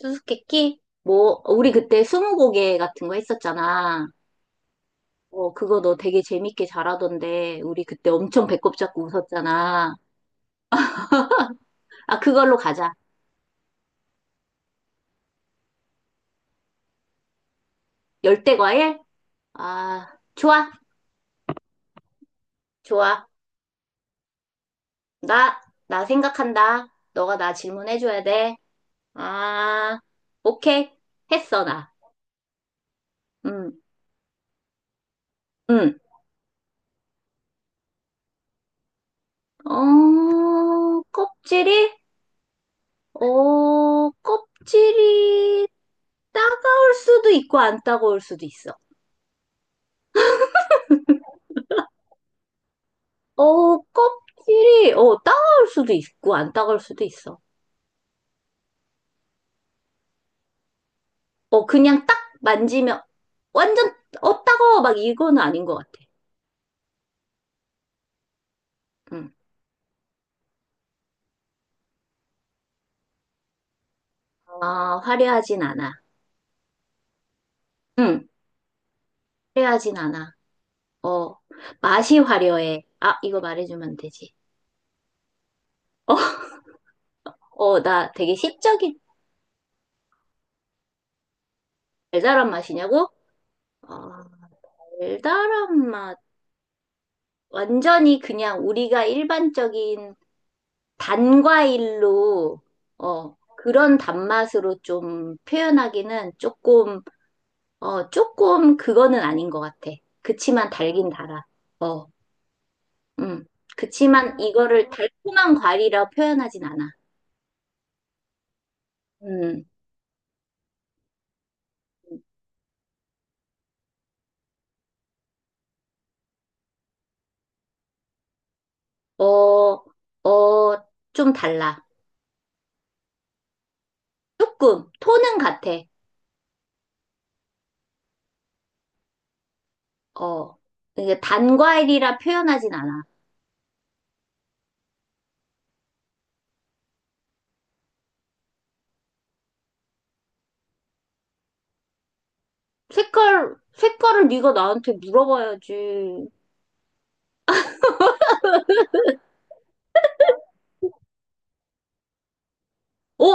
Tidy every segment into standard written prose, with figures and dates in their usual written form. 수수께끼? 뭐, 우리 그때 스무고개 같은 거 했었잖아. 어, 그거 너 되게 재밌게 잘하던데, 우리 그때 엄청 배꼽 잡고 웃었잖아. 아, 그걸로 가자. 열대과일? 아, 좋아, 좋아. 나, 나 생각한다. 너가 나 질문해줘야 돼. 아, 오케이. 했어, 나. 응, 응. 어, 껍질이? 어, 껍질이 따가울 수도 있고 안 따가울 수도 있어. 어, 껍질이, 어, 따가울 수도 있고, 안 따가울 수도 있어. 어, 그냥 딱 만지면, 완전, 어, 따가워, 막 이거는 아닌 것 같아. 응. 아, 화려하진 않아. 응, 화려하진 않아. 어, 맛이 화려해. 아, 이거 말해주면 되지. 어, 나 되게 시적인 달달한 맛이냐고? 어, 달달한 맛. 완전히 그냥 우리가 일반적인 단과일로, 어, 그런 단맛으로 좀 표현하기는 조금, 어, 조금 그거는 아닌 것 같아. 그치만 달긴 달아. 어, 음. 그치만 이거를 달콤한 과일이라 표현하진 않아. 음. 어, 어, 좀 달라. 조금, 톤은 같아. 어, 이게 단과일이라 표현하진 않아. 색깔, 색깔을 네가 나한테 물어봐야지. 어?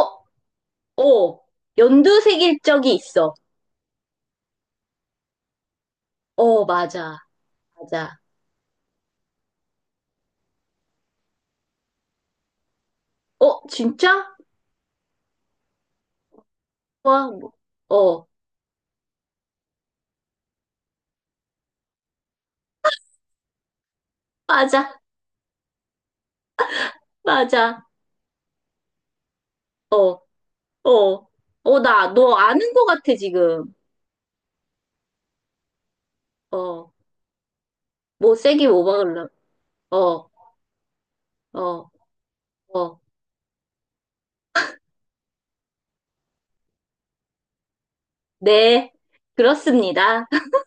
어, 연두색일 적이 있어. 어, 맞아, 맞아. 어, 진짜? 와, 뭐, 어, 맞아, 맞아. 어, 어, 어, 너 아는 거 같아, 지금. 어, 뭐, 세게 뭐 박을래? 어, 어, 어, 네, 그렇습니다.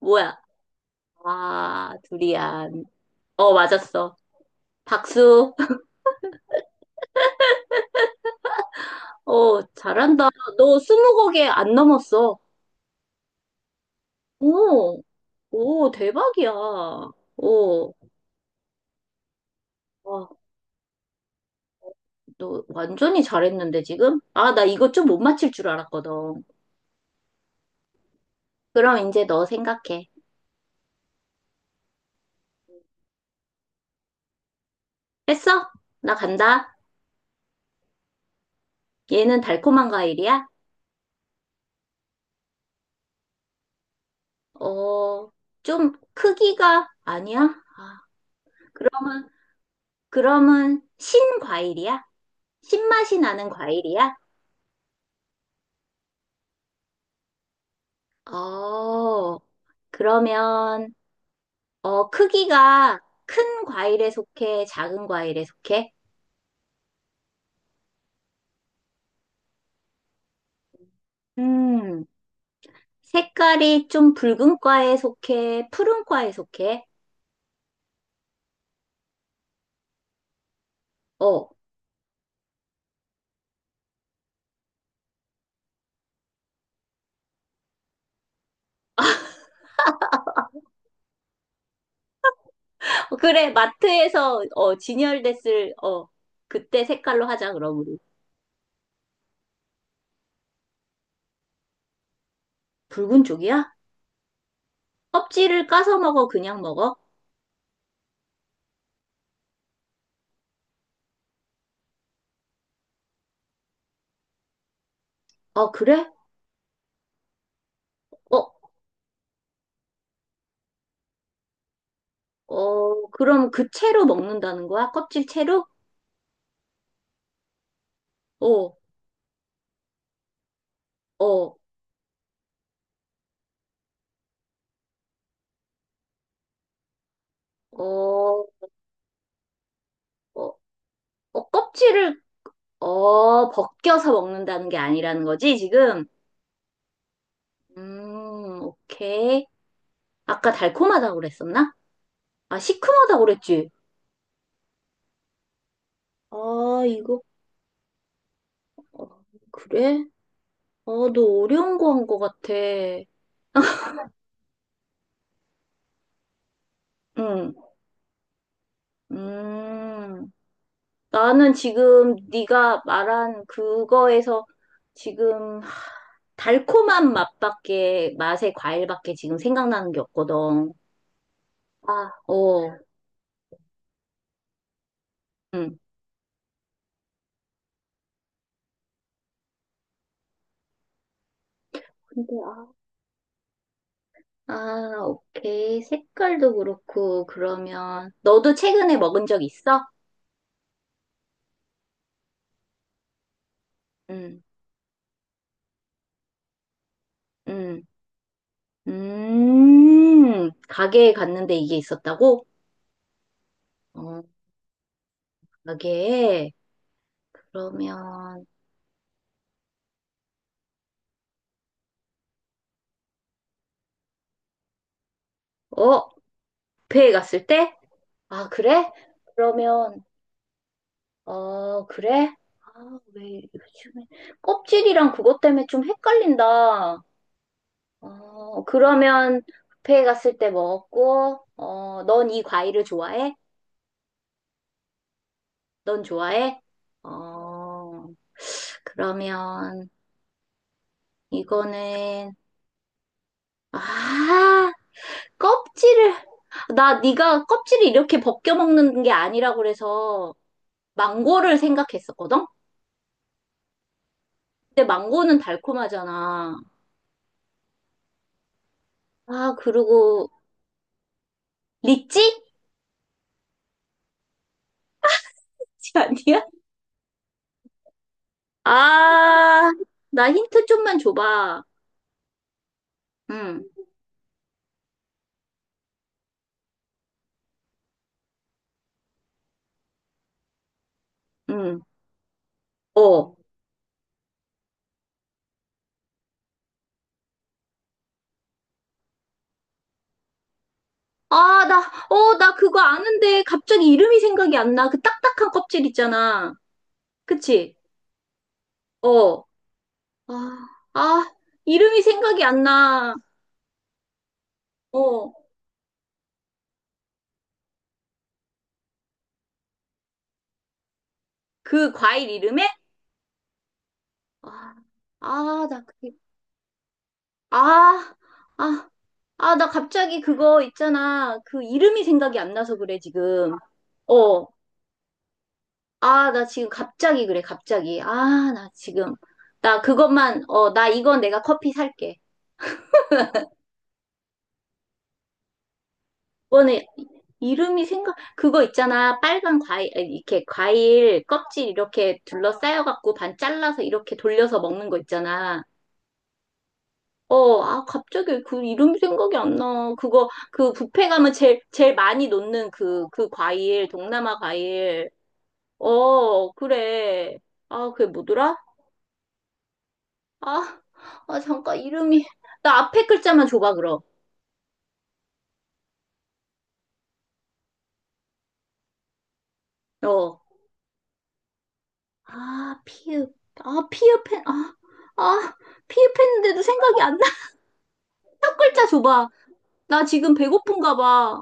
뭐야? 아, 두리안. 어, 맞았어. 박수. 어, 잘한다. 너 스무 곡에 안 넘었어. 오, 오, 대박이야. 오. 와. 너 완전히 잘했는데 지금? 아, 나 이거 좀 못 맞힐 줄 알았거든. 그럼 이제 너 생각해. 했어? 나 간다. 얘는 달콤한 과일이야? 어, 좀 크기가 아니야? 아, 그러면, 그러면 신과일이야? 신맛이 나는 과일이야? 어, 그러면, 어, 크기가 큰 과일에 속해? 작은 과일에 속해? 음, 색깔이 좀 붉은 과에 속해? 푸른 과에 속해? 어, 그래, 마트에서, 어, 진열됐을, 어, 그때 색깔로 하자, 그럼 우리. 붉은 쪽이야? 껍질을 까서 먹어, 그냥 먹어? 어, 그래? 어, 어, 그럼 그 채로 먹는다는 거야? 껍질 채로? 어, 어, 어, 어, 어, 껍질을, 어, 벗겨서 먹는다는 게 아니라는 거지, 지금? 오케이. 아까 달콤하다고 그랬었나? 아, 시큼하다고 그랬지? 아, 이거, 어, 그래? 어, 너 어려운 거 한 거 같아. 응, 음, 나는 지금 네가 말한 그거에서 지금 달콤한 맛밖에, 맛의 과일밖에 지금 생각나는 게 없거든. 아, 어. 응. 근데 아, 아, 오케이. 색깔도 그렇고, 그러면 너도 최근에 먹은 적 있어? 응, 응. 가게에 갔는데 이게 있었다고? 어, 가게에. 그러면 어, 뷔페에 갔을 때? 아, 그래? 그러면, 어, 그래? 아, 왜 요즘에 껍질이랑 그것 때문에 좀 헷갈린다. 어, 그러면 뷔페에 갔을 때 먹었고, 어, 넌 이 과일을 좋아해? 넌 좋아해? 어, 그러면 이거는 아, 껍질을 나 네가 껍질을 이렇게 벗겨 먹는 게 아니라 그래서 망고를 생각했었거든. 근데 망고는 달콤하잖아. 아, 그리고 리찌? 아니야? 아, 나 힌트 좀만 줘봐. 응, 응, 어. 아, 나 그거 아는데 갑자기 이름이 생각이 안 나. 그 딱딱한 껍질 있잖아. 그치? 어. 아, 아, 이름이 생각이 안 나. 어. 그 과일 이름에? 아, 아, 나 그게 아, 아, 아, 나 갑자기 그거 있잖아. 그 이름이 생각이 안 나서 그래, 지금. 어, 아, 나 지금 갑자기 그래, 갑자기. 아, 나 지금. 나 그것만, 어, 나 이건 내가 커피 살게. 이번에 이름이 생각, 그거 있잖아. 빨간 과일, 아니, 이렇게 과일 껍질 이렇게 둘러싸여갖고 반 잘라서 이렇게 돌려서 먹는 거 있잖아. 어, 아, 갑자기 그 이름이 생각이 안 나. 그거, 그 뷔페 가면 제일 많이 놓는 그 과일, 동남아 과일. 어, 그래. 아, 그게 뭐더라? 아, 아, 잠깐, 이름이. 나 앞에 글자만 줘봐, 그럼. 어. 아, 피읍. 아, 아, 아, 피읍했는데도 생각이 안 나. 첫 글자 줘봐. 나 지금 배고픈가 봐.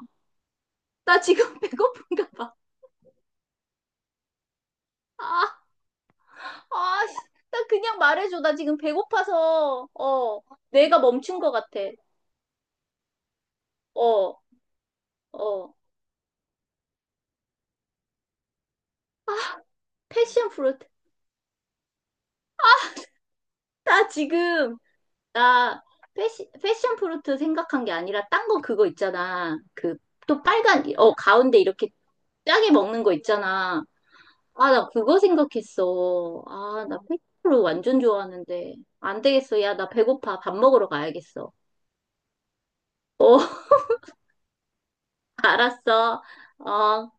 나 지금 배고픈가 봐. 아. 아, 씨, 나 그냥 말해줘. 나 지금 배고파서, 어, 내가 멈춘 것 같아. 어, 어. 아, 패션 프루트. 나 지금, 나 패션 프루트 생각한 게 아니라, 딴 거 그거 있잖아. 그, 또 빨간, 어, 가운데 이렇게 짜게 먹는 거 있잖아. 아, 나 그거 생각했어. 아, 나 패션 프루트 완전 좋아하는데. 안 되겠어. 야, 나 배고파. 밥 먹으러 가야겠어. 어, 알았어. 어.